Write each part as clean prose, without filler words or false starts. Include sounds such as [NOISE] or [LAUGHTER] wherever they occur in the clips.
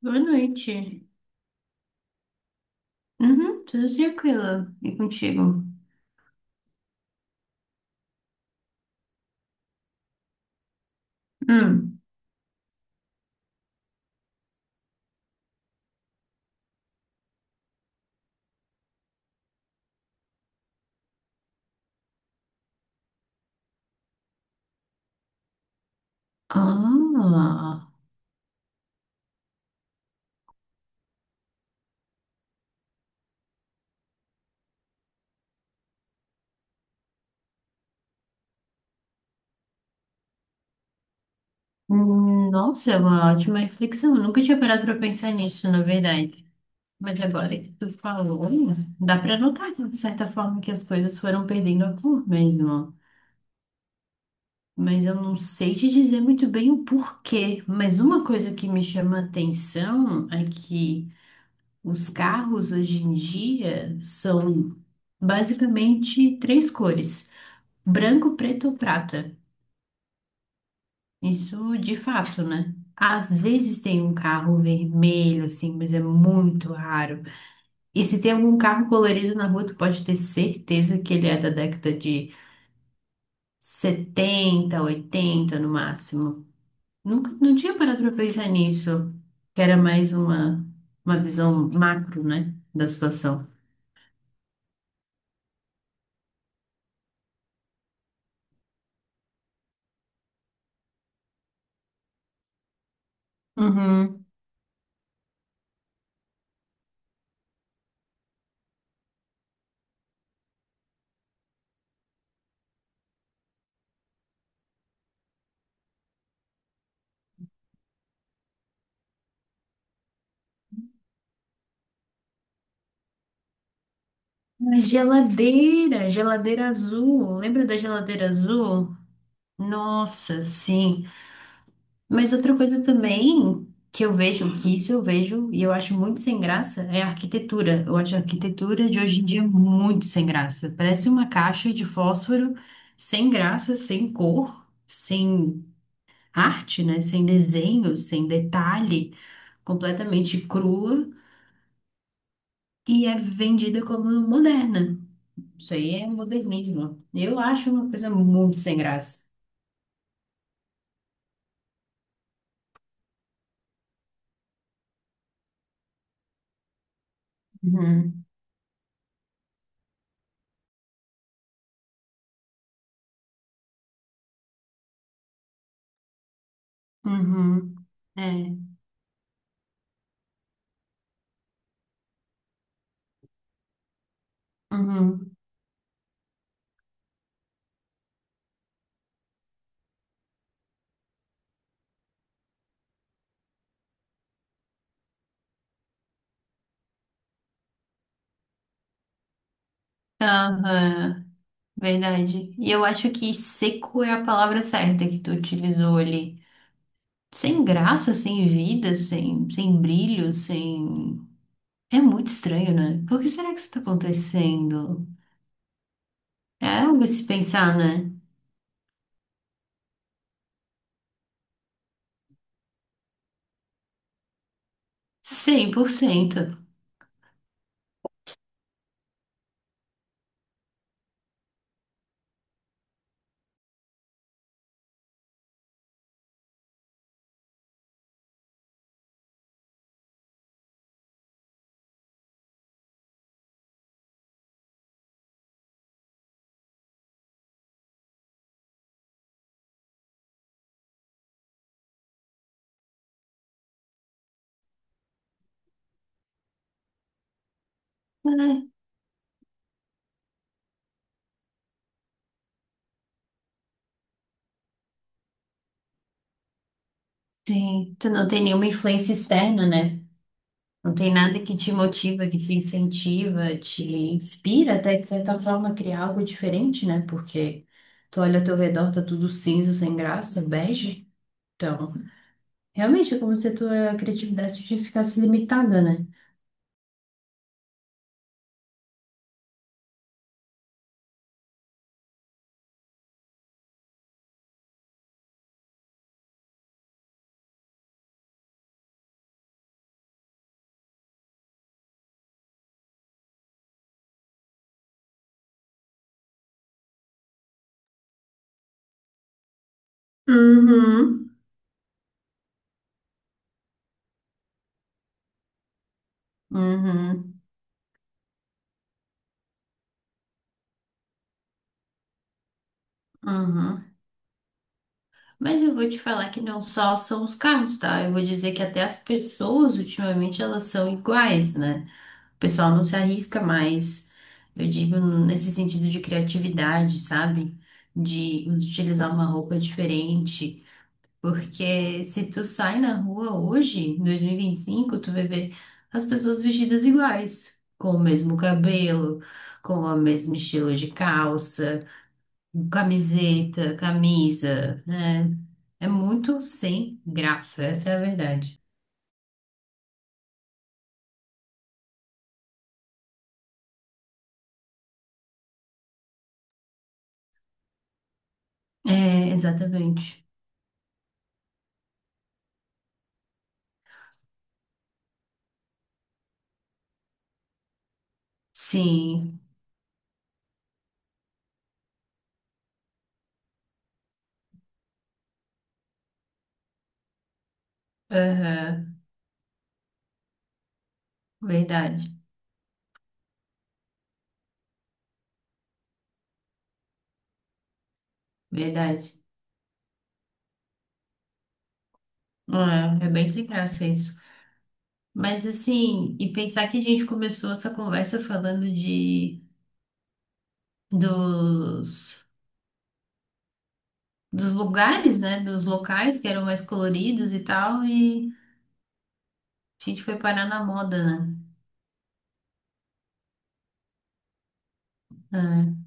Boa noite. Uhum, tudo tranquilo. E contigo? Hum. Ah, nossa, é uma ótima reflexão. Eu nunca tinha parado para pensar nisso, na verdade. Mas agora que tu falou, dá para notar que, de certa forma que as coisas foram perdendo a cor mesmo. Mas eu não sei te dizer muito bem o porquê. Mas uma coisa que me chama a atenção é que os carros hoje em dia são basicamente três cores. Branco, preto ou prata? Isso de fato, né? Às vezes tem um carro vermelho, assim, mas é muito raro. E se tem algum carro colorido na rua, tu pode ter certeza que ele é da década de 70, 80 no máximo. Nunca, não tinha parado pra pensar nisso, que era mais uma visão macro, né, da situação. Uhum. A geladeira, geladeira azul. Lembra da geladeira azul? Nossa, sim. Mas outra coisa também que eu vejo, que isso eu vejo e eu acho muito sem graça, é a arquitetura. Eu acho a arquitetura de hoje em dia muito sem graça. Parece uma caixa de fósforo sem graça, sem cor, sem arte, né? Sem desenho, sem detalhe, completamente crua e é vendida como moderna. Isso aí é modernismo. Eu acho uma coisa muito sem graça. Uhum. Uhum. É. Uhum. Aham. Verdade. E eu acho que seco é a palavra certa que tu utilizou ali. Sem graça, sem vida, sem brilho, sem. É muito estranho, né? Por que será que isso tá acontecendo? É algo a se pensar, né? 100%. É, sim. Tu não tem nenhuma influência externa, né? Não tem nada que te motiva, que te incentiva, te inspira até de certa forma a criar algo diferente, né? Porque tu olha ao teu redor, tá tudo cinza, sem graça, bege. Então. Realmente é como se a tua criatividade te ficasse limitada, né? Uhum. Uhum, uhum. Mas eu vou te falar que não só são os carros, tá? Eu vou dizer que até as pessoas, ultimamente, elas são iguais, né? O pessoal não se arrisca mais, eu digo, nesse sentido de criatividade, sabe? De utilizar uma roupa diferente. Porque se tu sai na rua hoje, em 2025, tu vai ver as pessoas vestidas iguais, com o mesmo cabelo, com o mesmo estilo de calça, camiseta, camisa, né? É muito sem graça, essa é a verdade. É, exatamente. Sim, aham, verdade, verdade. É, é bem sem graça isso. Mas assim, e pensar que a gente começou essa conversa falando de dos, dos lugares, né? Dos locais que eram mais coloridos e tal, e a gente foi parar na moda, né? É.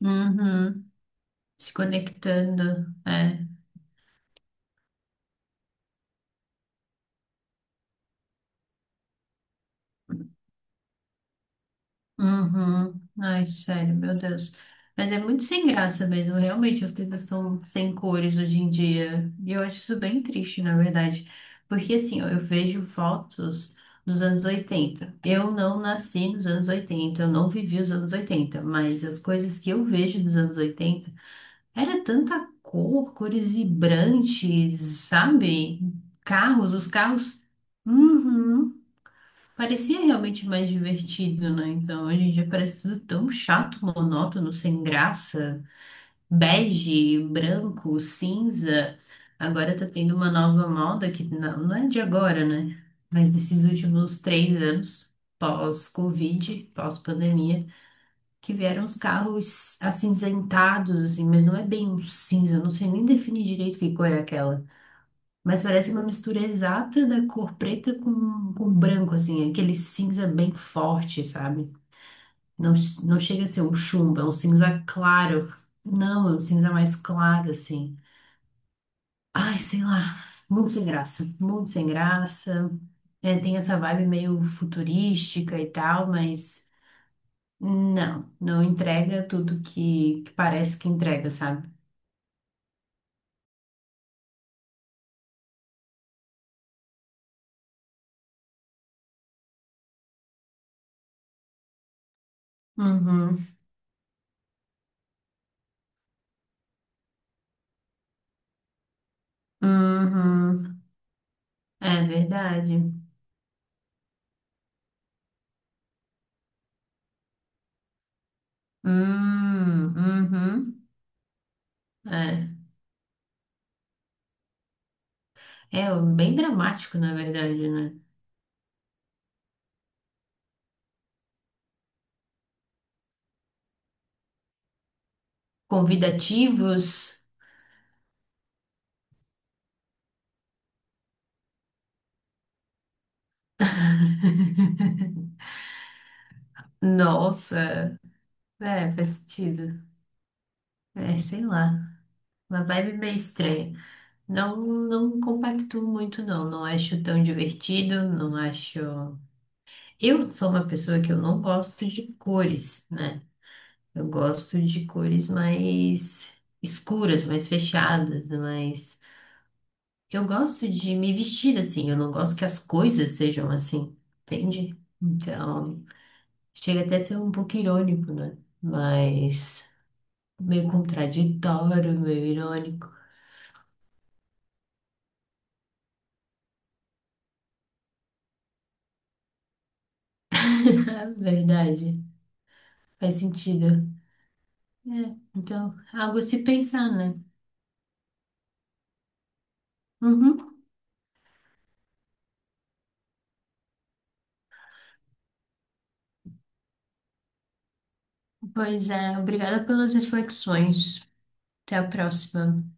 Uhum. Se conectando. É. Uhum. Ai, sério, meu Deus. Mas é muito sem graça mesmo. Realmente, as coisas estão sem cores hoje em dia. E eu acho isso bem triste, na verdade. Porque, assim, ó, eu vejo fotos dos anos 80. Eu não nasci nos anos 80, eu não vivi os anos 80. Mas as coisas que eu vejo dos anos 80 era tanta cor, cores vibrantes, sabe? Carros, os carros. Uhum. Parecia realmente mais divertido, né? Então, hoje em dia parece tudo tão chato, monótono, sem graça, bege, branco, cinza. Agora tá tendo uma nova moda que não, não é de agora, né? Mas desses últimos 3 anos, pós-Covid, pós-pandemia, que vieram os carros acinzentados, assim, mas não é bem um cinza, eu não sei nem definir direito que cor é aquela. Mas parece uma mistura exata da cor preta com branco, assim, aquele cinza bem forte, sabe? Não, não chega a ser um chumbo, é um cinza claro. Não, é um cinza mais claro, assim. Ai, sei lá, muito sem graça, muito sem graça. É, tem essa vibe meio futurística e tal, mas não, não entrega tudo que parece que entrega, sabe? Uhum, uhum, é verdade. Uhum. É. É bem dramático, na verdade, né? Convidativos. [LAUGHS] Nossa, é, faz sentido. É, sei lá, uma vibe meio estranha. Não, não compactuo muito, não. Não acho tão divertido, não acho. Eu sou uma pessoa que eu não gosto de cores, né? Eu gosto de cores mais escuras, mais fechadas, mais. Eu gosto de me vestir assim, eu não gosto que as coisas sejam assim, entende? Então, chega até a ser um pouco irônico, né? Mas meio contraditório, meio irônico. [LAUGHS] Verdade, faz sentido. É, então, algo a se pensar, né? Uhum. Pois é, obrigada pelas reflexões. Até a próxima.